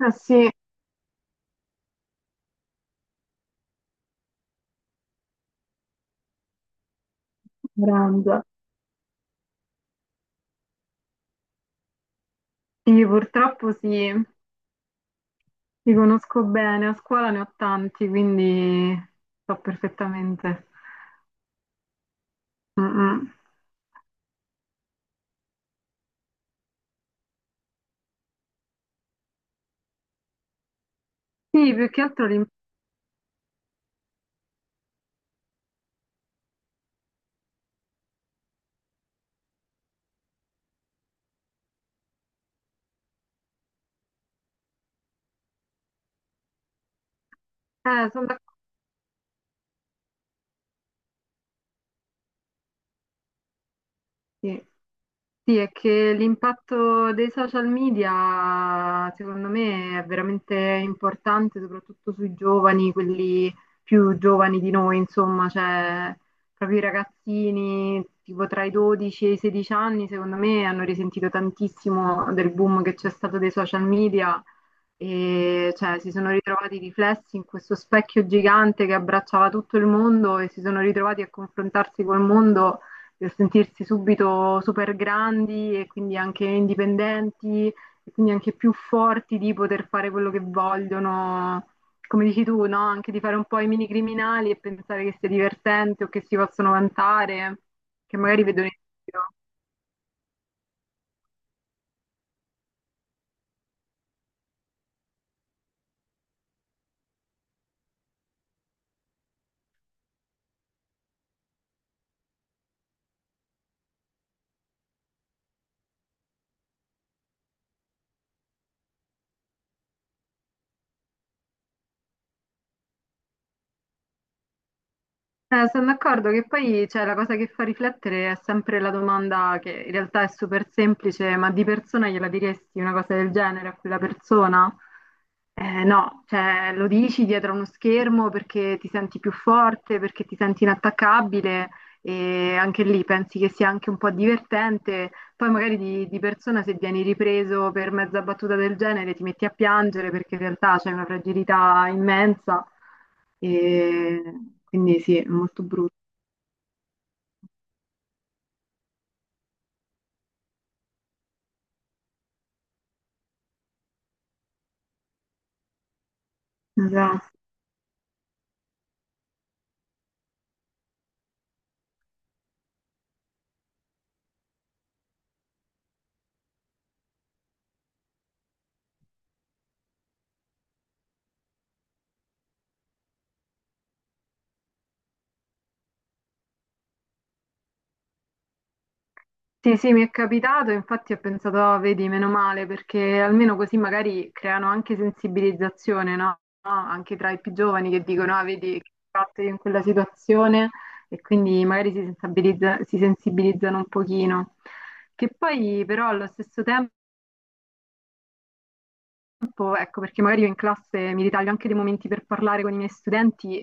Eh sì, grande. Sì, purtroppo sì, li conosco bene, a scuola ne ho tanti, quindi so perfettamente. Mm, mm. Sì, più che altro sono d'accordo, sì. Sì, è che l'impatto dei social media secondo me è veramente importante, soprattutto sui giovani, quelli più giovani di noi, insomma, cioè proprio i ragazzini tipo tra i 12 e i 16 anni, secondo me hanno risentito tantissimo del boom che c'è stato dei social media e cioè, si sono ritrovati riflessi in questo specchio gigante che abbracciava tutto il mondo e si sono ritrovati a confrontarsi col mondo, sentirsi subito super grandi e quindi anche indipendenti e quindi anche più forti di poter fare quello che vogliono, come dici tu, no? Anche di fare un po' i mini criminali e pensare che sia divertente o che si possono vantare, che magari vedono in giro. Sono d'accordo che poi cioè, la cosa che fa riflettere è sempre la domanda che in realtà è super semplice, ma di persona gliela diresti una cosa del genere a quella persona? No, cioè lo dici dietro a uno schermo perché ti senti più forte, perché ti senti inattaccabile, e anche lì pensi che sia anche un po' divertente. Poi magari di persona se vieni ripreso per mezza battuta del genere ti metti a piangere perché in realtà c'è una fragilità immensa e quindi sì, è molto brutto. Esatto. Sì, sì, mi è capitato, infatti ho pensato, "Ah, vedi, meno male, perché almeno così magari creano anche sensibilizzazione, no? No? Anche tra i più giovani che dicono, ah, vedi, che ho fatto io in quella situazione e quindi magari si sensibilizzano un pochino. Che poi però allo stesso tempo, ecco, perché magari io in classe mi ritaglio anche dei momenti per parlare con i miei studenti,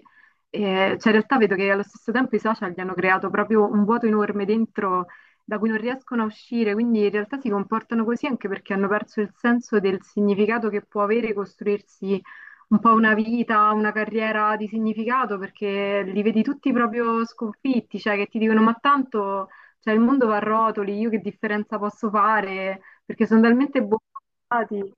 cioè in realtà vedo che allo stesso tempo i social gli hanno creato proprio un vuoto enorme dentro da cui non riescono a uscire, quindi in realtà si comportano così anche perché hanno perso il senso del significato che può avere costruirsi un po' una vita, una carriera di significato, perché li vedi tutti proprio sconfitti, cioè che ti dicono ma tanto cioè, il mondo va a rotoli, io che differenza posso fare? Perché sono talmente bombardati.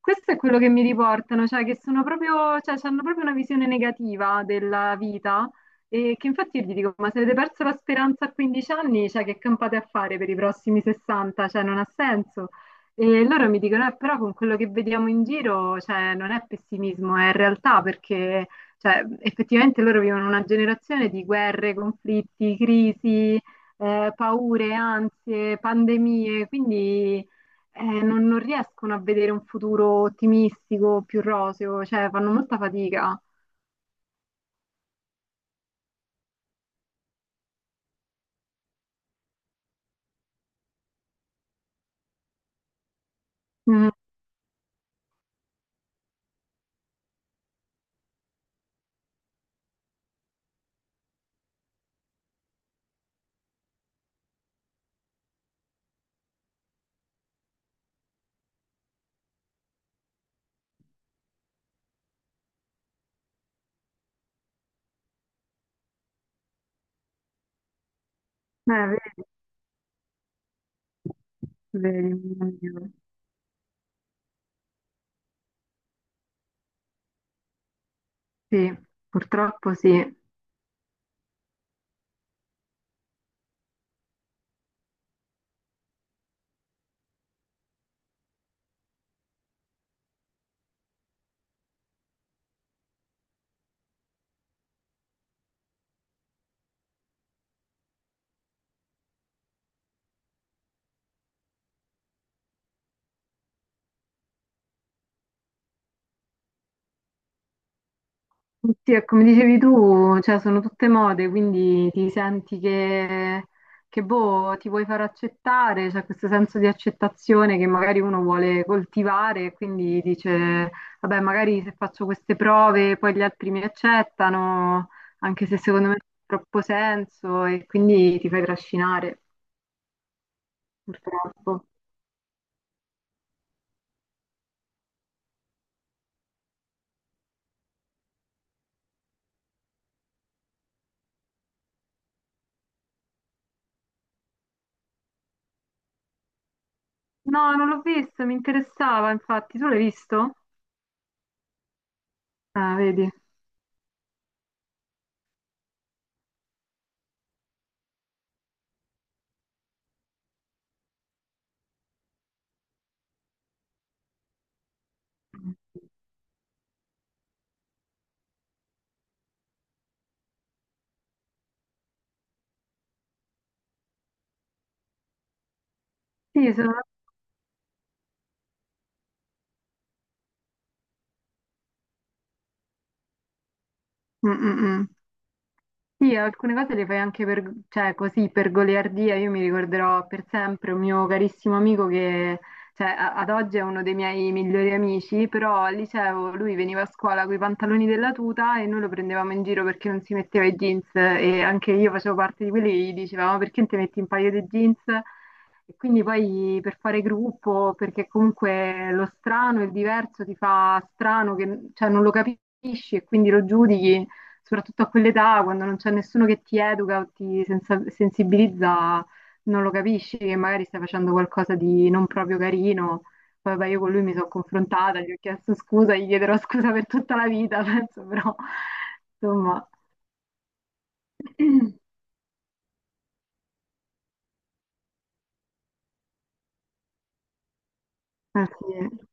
Questo è quello che mi riportano, cioè che sono proprio, cioè, hanno proprio una visione negativa della vita e che infatti io gli dico, ma se avete perso la speranza a 15 anni, cioè che campate a fare per i prossimi 60? Cioè non ha senso. E loro mi dicono, però con quello che vediamo in giro, cioè non è pessimismo, è realtà, perché cioè, effettivamente loro vivono una generazione di guerre, conflitti, crisi, paure, ansie, pandemie, quindi non riescono a vedere un futuro ottimistico, più roseo, cioè fanno molta fatica. Mm, eh, Vedi, vedi, mio Dio. Sì, purtroppo sì. Sì, e come dicevi tu, cioè, sono tutte mode, quindi ti senti boh, ti vuoi far accettare, c'è questo senso di accettazione che magari uno vuole coltivare, e quindi dice, vabbè, magari se faccio queste prove poi gli altri mi accettano, anche se secondo me non ha troppo senso, e quindi ti fai trascinare, purtroppo. No, non l'ho visto, mi interessava, infatti, tu l'hai visto? Ah, vedi. Sì, sono... Mm, mm, mm. Sì, alcune cose le fai anche per, cioè, così per goliardia. Io mi ricorderò per sempre un mio carissimo amico che, cioè, ad oggi è uno dei miei migliori amici, però al liceo lui veniva a scuola con i pantaloni della tuta e noi lo prendevamo in giro perché non si metteva i jeans e anche io facevo parte di quelli che gli dicevamo "Ma perché non ti metti un paio di jeans? E quindi poi per fare gruppo, perché comunque lo strano, il diverso ti fa strano, che, cioè, non lo capisci e quindi lo giudichi soprattutto a quell'età, quando non c'è nessuno che ti educa o sensibilizza, non lo capisci che magari stai facendo qualcosa di non proprio carino. Poi vabbè, io con lui mi sono confrontata, gli ho chiesto scusa, gli chiederò scusa per tutta la vita, penso, però insomma, eh sì.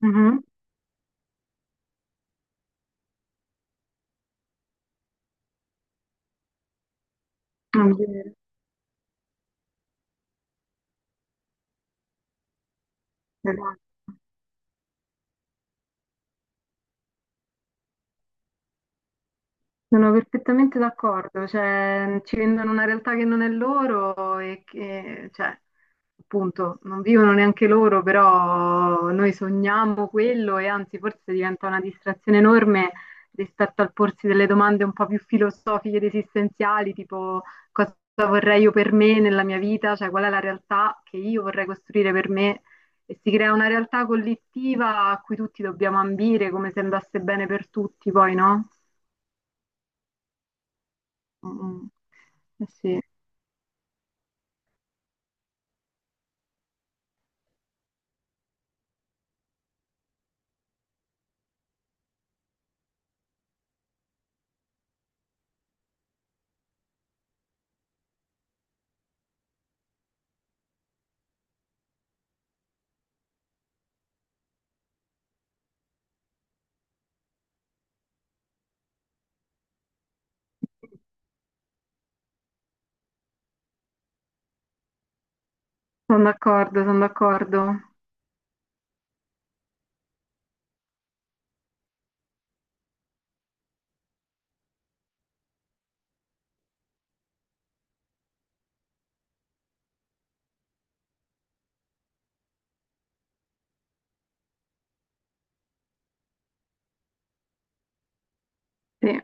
Mhm. Non dire. Sono perfettamente d'accordo, cioè ci vendono una realtà che non è loro e che, cioè, appunto, non vivono neanche loro, però noi sogniamo quello e anzi forse diventa una distrazione enorme rispetto al porsi delle domande un po' più filosofiche ed esistenziali, tipo cosa vorrei io per me nella mia vita, cioè qual è la realtà che io vorrei costruire per me e si crea una realtà collettiva a cui tutti dobbiamo ambire, come se andasse bene per tutti, poi no? Mm, eh sì, sono d'accordo, sono d'accordo. Sì.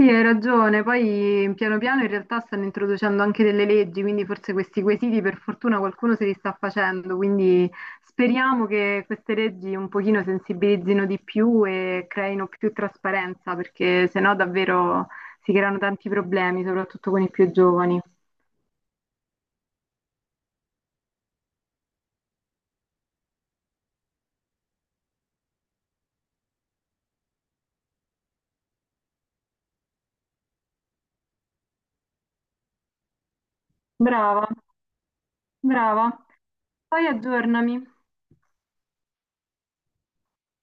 Sì, hai ragione. Poi piano piano in realtà stanno introducendo anche delle leggi, quindi forse questi quesiti per fortuna qualcuno se li sta facendo, quindi speriamo che queste leggi un pochino sensibilizzino di più e creino più trasparenza, perché sennò davvero si creano tanti problemi, soprattutto con i più giovani. Brava, brava. Poi aggiornami.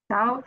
Ciao.